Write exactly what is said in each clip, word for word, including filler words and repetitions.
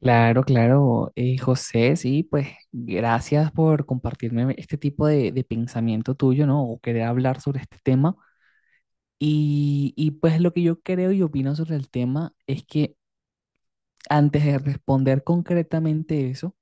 Claro, claro, eh, José, sí, pues gracias por compartirme este tipo de, de pensamiento tuyo, ¿no? O querer hablar sobre este tema. Y, y pues lo que yo creo y opino sobre el tema es que antes de responder concretamente eso,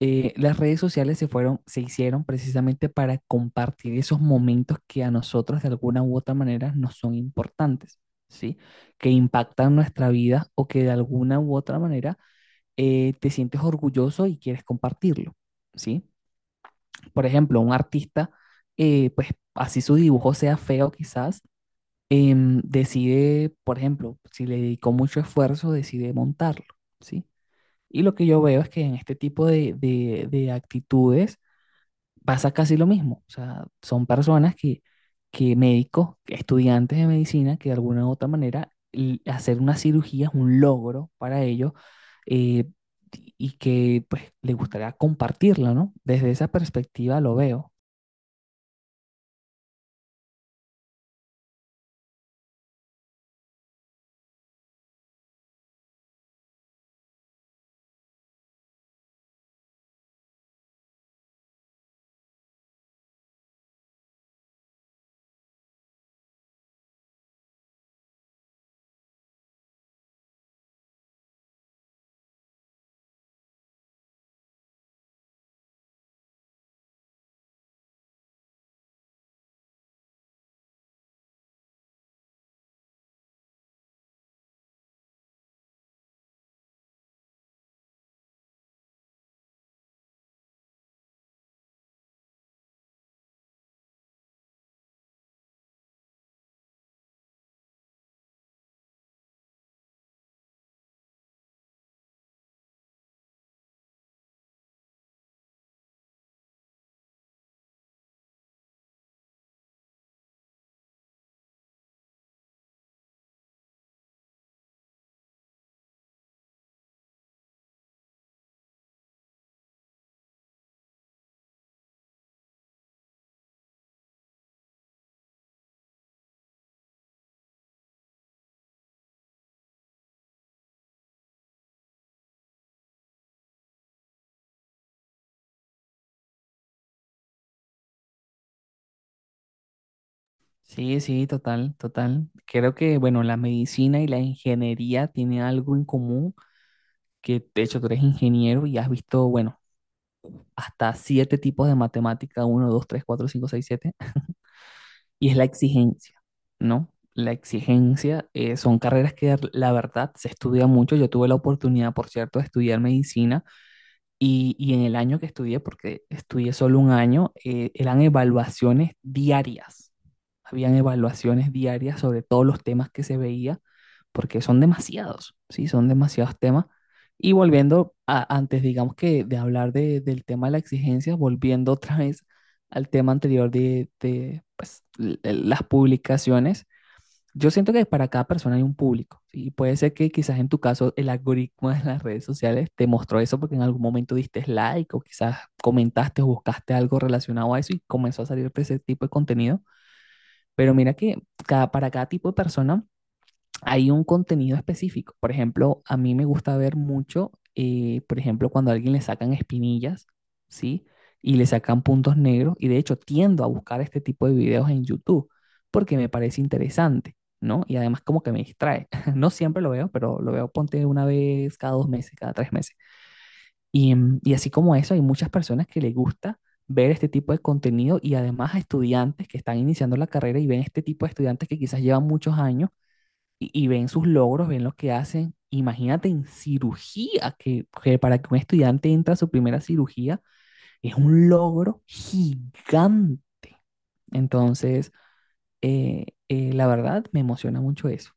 eh, las redes sociales se fueron, se hicieron precisamente para compartir esos momentos que a nosotros de alguna u otra manera nos son importantes, ¿sí? Que impactan nuestra vida o que de alguna u otra manera eh, te sientes orgulloso y quieres compartirlo, ¿sí? Por ejemplo, un artista, eh, pues así su dibujo sea feo quizás, em, decide, por ejemplo, si le dedicó mucho esfuerzo, decide montarlo, ¿sí? Y lo que yo veo es que en este tipo de, de- de actitudes pasa casi lo mismo. O sea, son personas que, que médicos, estudiantes de medicina, que de alguna u otra manera l- hacer una cirugía es un logro para ellos eh, y que pues les gustaría compartirlo, ¿no? Desde esa perspectiva lo veo. Sí, sí, total, total. Creo que, bueno, la medicina y la ingeniería tienen algo en común, que de hecho tú eres ingeniero y has visto, bueno, hasta siete tipos de matemática, uno, dos, tres, cuatro, cinco, seis, siete. Y es la exigencia, ¿no? La exigencia eh, son carreras que la verdad se estudia mucho. Yo tuve la oportunidad, por cierto, de estudiar medicina y, y en el año que estudié, porque estudié solo un año, eh, eran evaluaciones diarias. Habían evaluaciones diarias sobre todos los temas que se veía, porque son demasiados, ¿sí? Son demasiados temas. Y volviendo a, antes, digamos que de hablar de- del tema de la exigencia, volviendo otra vez al tema anterior de, de, pues, l- l- las publicaciones, yo siento que para cada persona hay un público, ¿sí? Y puede ser que quizás en tu caso el algoritmo de las redes sociales te mostró eso porque en algún momento diste like o quizás comentaste o buscaste algo relacionado a eso y comenzó a salir ese tipo de contenido. Pero mira que cada, para cada tipo de persona hay un contenido específico. Por ejemplo, a mí me gusta ver mucho, eh, por ejemplo, cuando a alguien le sacan espinillas, ¿sí? Y le sacan puntos negros. Y de hecho, tiendo a buscar este tipo de videos en YouTube porque me parece interesante, ¿no? Y además como que me distrae. No siempre lo veo, pero lo veo ponte una vez cada dos meses, cada tres meses. Y, em, y así como eso, hay muchas personas que les gusta ver este tipo de contenido y además a estudiantes que están iniciando la carrera y ven este tipo de estudiantes que quizás llevan muchos años y, y ven sus logros, ven lo que hacen. Imagínate en cirugía, que, que para que un estudiante entre a su primera cirugía es un logro gigante. Entonces, eh, eh, la verdad, me emociona mucho eso.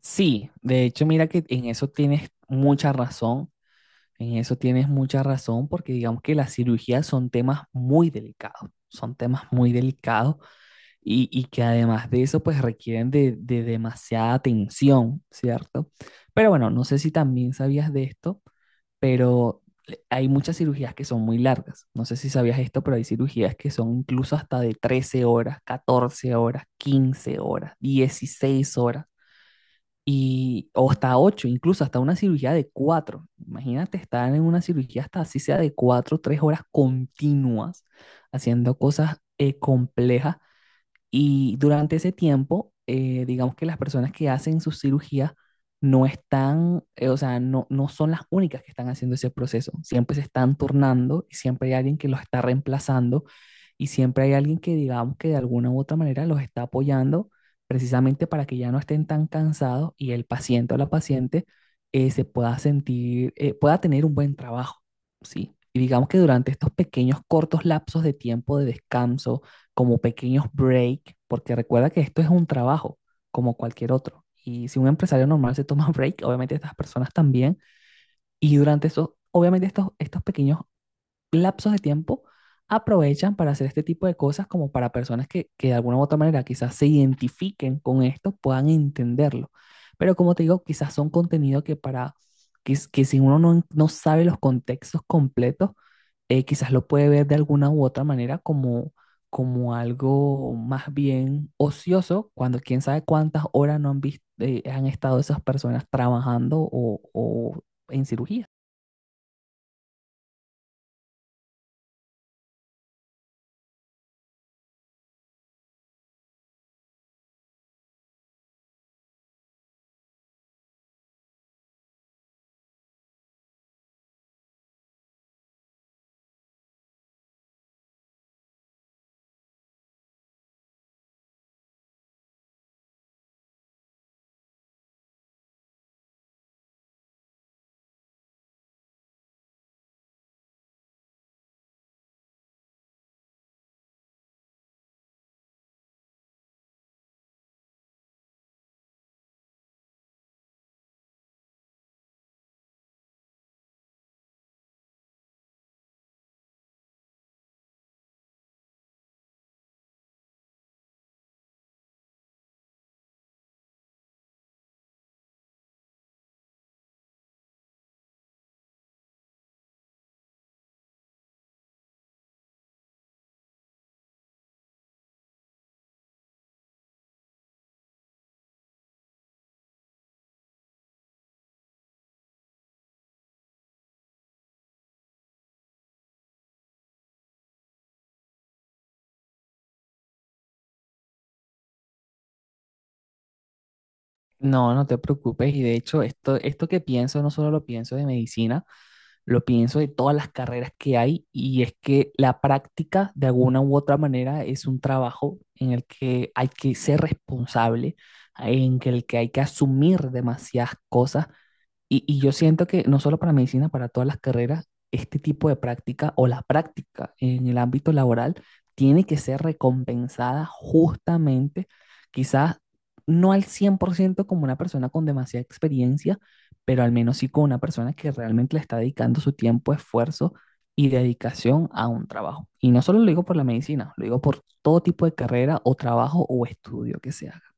Sí, de hecho, mira que en eso tienes mucha razón, en eso tienes mucha razón, porque digamos que las cirugías son temas muy delicados, son temas muy delicados y, y que además de eso, pues requieren de, de demasiada atención, ¿cierto? Pero bueno, no sé si también sabías de esto, pero hay muchas cirugías que son muy largas. No sé si sabías esto, pero hay cirugías que son incluso hasta de trece horas, catorce horas, quince horas, dieciséis horas y o hasta ocho, incluso hasta una cirugía de cuatro. Imagínate estar en una cirugía hasta así sea de cuatro, tres horas continuas haciendo cosas eh, complejas y durante ese tiempo, eh, digamos que las personas que hacen sus cirugías no están, eh, o sea, no, no son las únicas que están haciendo ese proceso. Siempre se están turnando y siempre hay alguien que los está reemplazando y siempre hay alguien que, digamos que de alguna u otra manera los está apoyando precisamente para que ya no estén tan cansados y el paciente o la paciente eh, se pueda sentir, eh, pueda tener un buen trabajo, ¿sí? Y digamos que durante estos pequeños cortos lapsos de tiempo de descanso, como pequeños break, porque recuerda que esto es un trabajo como cualquier otro. Y si un empresario normal se toma break, obviamente estas personas también, y durante esos, obviamente estos, estos pequeños lapsos de tiempo aprovechan para hacer este tipo de cosas como para personas que, que de alguna u otra manera quizás se identifiquen con esto, puedan entenderlo. Pero como te digo, quizás son contenido que para que, que si uno no, no sabe los contextos completos, eh, quizás lo puede ver de alguna u otra manera como, como algo más bien ocioso, cuando quién sabe cuántas horas no han visto, han estado esas personas trabajando o, o en cirugía. No, no te preocupes. Y de hecho, esto, esto que pienso, no solo lo pienso de medicina, lo pienso de todas las carreras que hay. Y es que la práctica, de alguna u otra manera, es un trabajo en el que hay que ser responsable, en que el que hay que asumir demasiadas cosas. Y, y yo siento que no solo para medicina, para todas las carreras, este tipo de práctica o la práctica en el ámbito laboral tiene que ser recompensada justamente, quizás no al cien por ciento como una persona con demasiada experiencia, pero al menos sí como una persona que realmente le está dedicando su tiempo, esfuerzo y dedicación a un trabajo. Y no solo lo digo por la medicina, lo digo por todo tipo de carrera o trabajo o estudio que se haga.